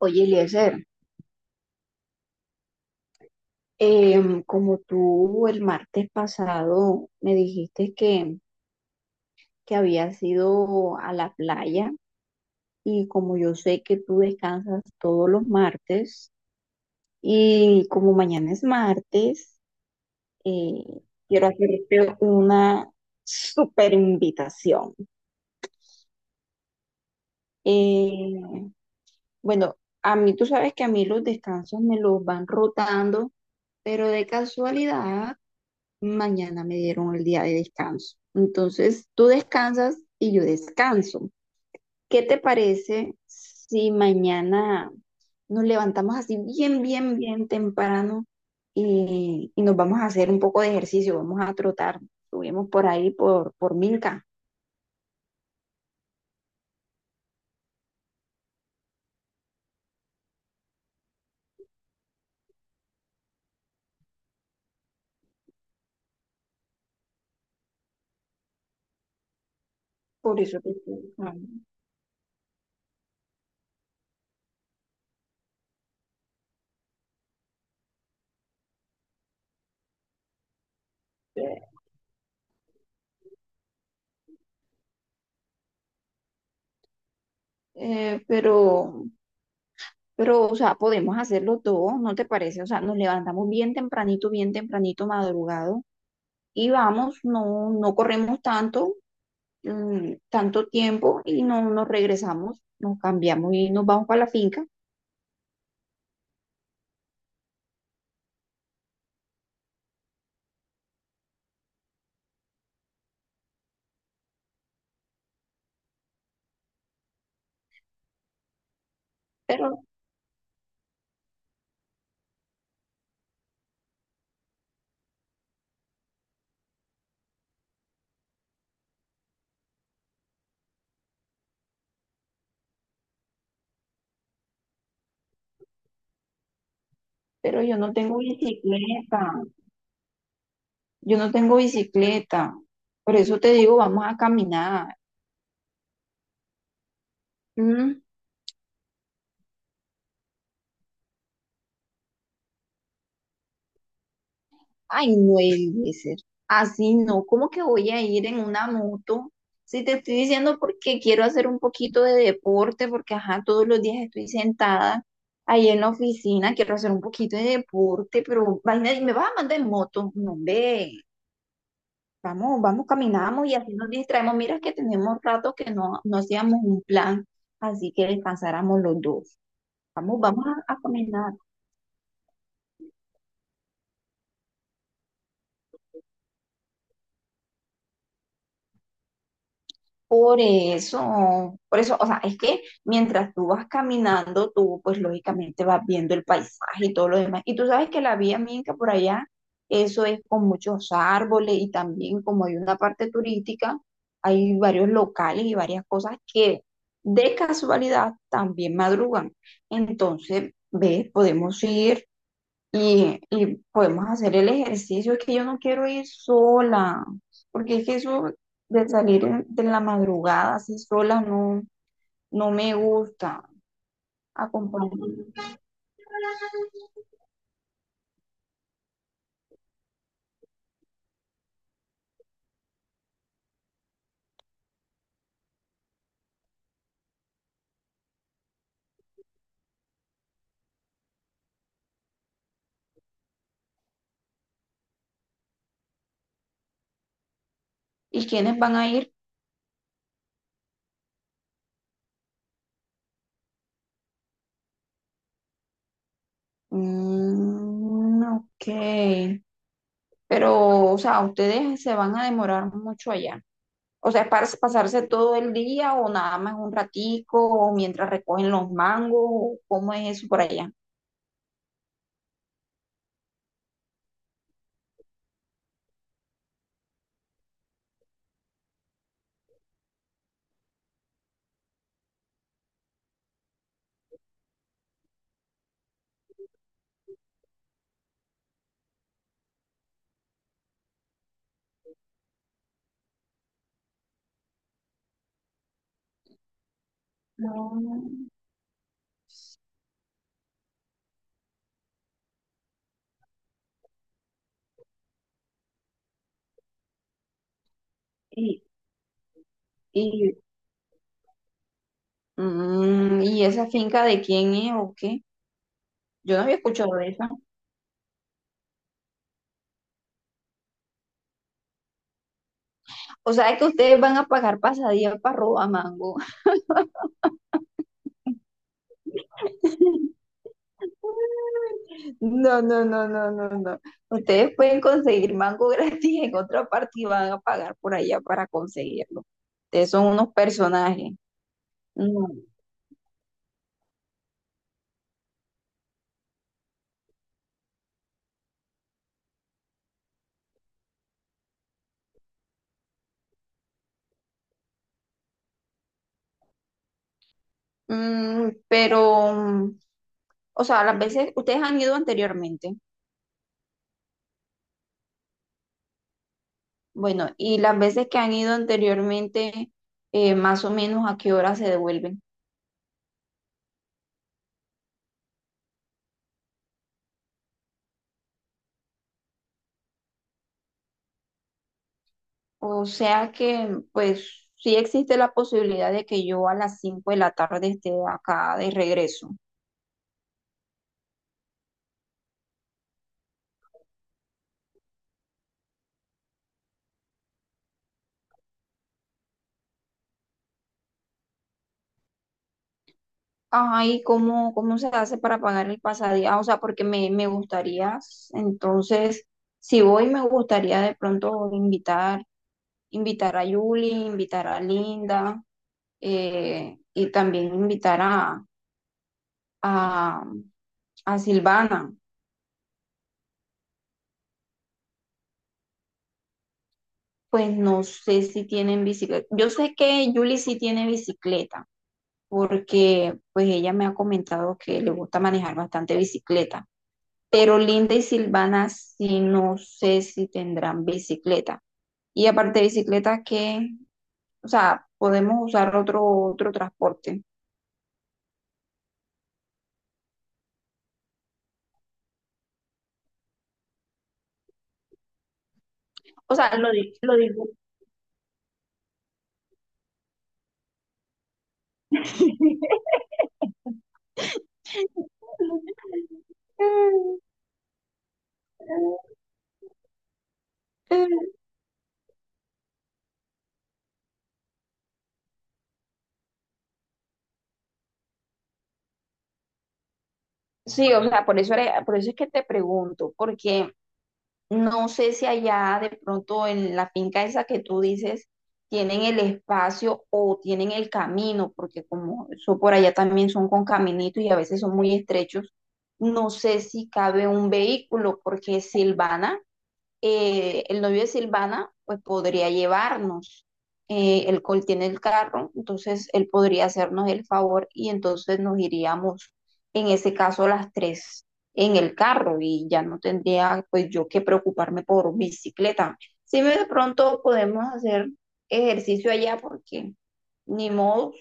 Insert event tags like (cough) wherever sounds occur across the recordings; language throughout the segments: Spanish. Oye, Eliezer, como tú el martes pasado me dijiste que habías ido a la playa y como yo sé que tú descansas todos los martes y como mañana es martes, eh, quiero hacerte una super invitación. Eh, bueno, a mí tú sabes que a mí los descansos me los van rotando, pero de casualidad mañana me dieron el día de descanso. Entonces, tú descansas y yo descanso. ¿Qué te parece si mañana nos levantamos así bien, bien, bien temprano y nos vamos a hacer un poco de ejercicio? Vamos a trotar. Subimos por ahí por Milka. Por eso te estoy buscando. Eh, pero, pero, o sea, podemos hacerlo todo, ¿no te parece? O sea, nos levantamos bien tempranito, madrugado, y vamos, no, no corremos tanto, tanto tiempo y no nos regresamos, nos cambiamos y nos vamos para la finca, pero, pero yo no tengo bicicleta, yo no tengo bicicleta, por eso te digo, vamos a caminar. Mm. Ay, no debe ser, así no, ¿cómo que voy a ir en una moto? Si te estoy diciendo porque quiero hacer un poquito de deporte, porque ajá, todos los días estoy sentada ahí en la oficina, quiero hacer un poquito de deporte, pero vaina, ¿y me vas a mandar en moto? No, hombre. Vamos, vamos, caminamos y así nos distraemos. Mira que tenemos rato que no hacíamos un plan, así que descansáramos los dos. Vamos, vamos a caminar. Por eso, o sea, es que mientras tú vas caminando, tú pues lógicamente vas viendo el paisaje y todo lo demás. Y tú sabes que la vía Minca por allá, eso es con muchos árboles y también como hay una parte turística, hay varios locales y varias cosas que de casualidad también madrugan. Entonces, ves, podemos ir y podemos hacer el ejercicio, es que yo no quiero ir sola, porque es que eso de la madrugada así sola no me gusta. Acompáñame. ¿Y quiénes van a ir? Mm, ok. Pero, o sea, ustedes se van a demorar mucho allá. O sea, ¿es para pasarse todo el día o nada más un ratico o mientras recogen los mangos? ¿Cómo es eso por allá? No. Y, y mm, ¿y esa finca de quién es o qué? Yo no había escuchado de esa. O sea, que ustedes van a pagar pasadía para robar mango. (laughs) No, no, no, no, no, no. Ustedes pueden conseguir mango (laughs) gratis en otra parte y van a pagar por allá para conseguirlo. Ustedes son unos personajes. No. Mm, pero, mm, o sea, las veces, ustedes han ido anteriormente. Bueno, y las veces que han ido anteriormente, más o menos a qué hora se devuelven. O sea que, pues, sí existe la posibilidad de que yo a las 5 de la tarde esté acá de regreso. Ajá, ¿y cómo, cómo se hace para pagar el pasadía? Ah, o sea, me gustaría, entonces, si voy, me gustaría de pronto invitar, invitar a Julie, invitar a Linda, y también invitar a, a Silvana. Pues no sé si tienen bicicleta. Yo sé que Julie sí tiene bicicleta, porque pues ella me ha comentado que le gusta manejar bastante bicicleta, pero Linda y Silvana sí no sé si tendrán bicicleta. Y aparte de bicicleta, que, o sea, podemos usar otro transporte. O sea, lo digo. (laughs) Sí, o sea, por eso es que te pregunto, porque no sé si allá de pronto en la finca esa que tú dices tienen el espacio o tienen el camino, porque como eso por allá también son con caminitos y a veces son muy estrechos, no sé si cabe un vehículo, porque Silvana el novio de Silvana pues podría llevarnos. El Col tiene el carro, entonces él podría hacernos el favor y entonces nos iríamos, en ese caso, las tres en el carro y ya no tendría pues yo que preocuparme por bicicleta. Si de pronto podemos hacer ejercicio allá porque ni modo,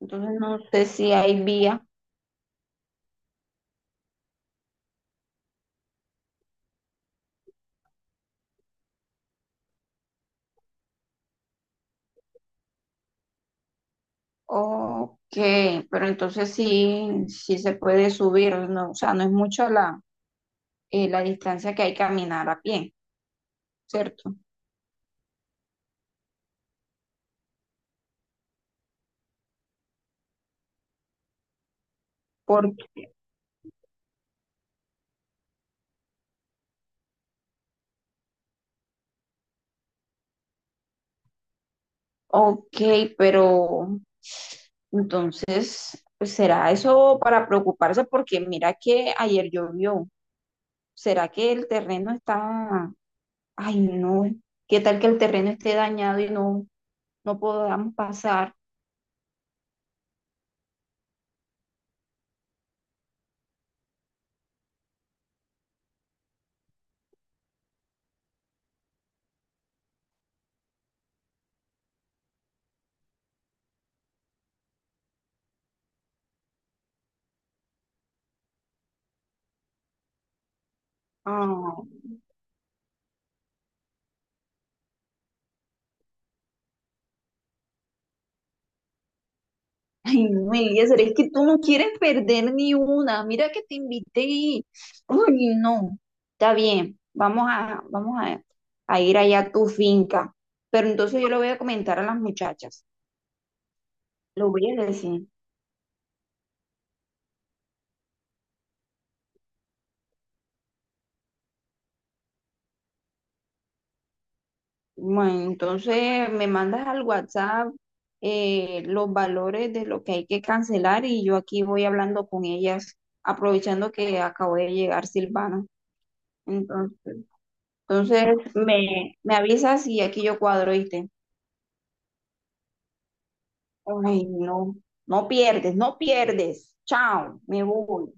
entonces no sé si hay vía o qué, pero entonces sí, sí se puede subir, no, o sea, no es mucho la distancia que hay que caminar a pie, ¿cierto? Porque, ok, pero entonces, pues, ¿será eso para preocuparse? Porque mira que ayer llovió. ¿Será que el terreno está, ay no, qué tal que el terreno esté dañado y no, no podamos pasar? Ah, ay, no, Eliezer, es que tú no quieres perder ni una. Mira que te invité y... Uy, no. Está bien, vamos a, vamos a ir allá a tu finca. Pero entonces yo le voy a comentar a las muchachas. Lo voy a decir. Bueno, entonces me mandas al WhatsApp los valores de lo que hay que cancelar y yo aquí voy hablando con ellas, aprovechando que acabo de llegar Silvana. Entonces, entonces me, me avisas y aquí yo cuadro, ¿viste? Ay, no, no pierdes, no pierdes. Chao, me voy.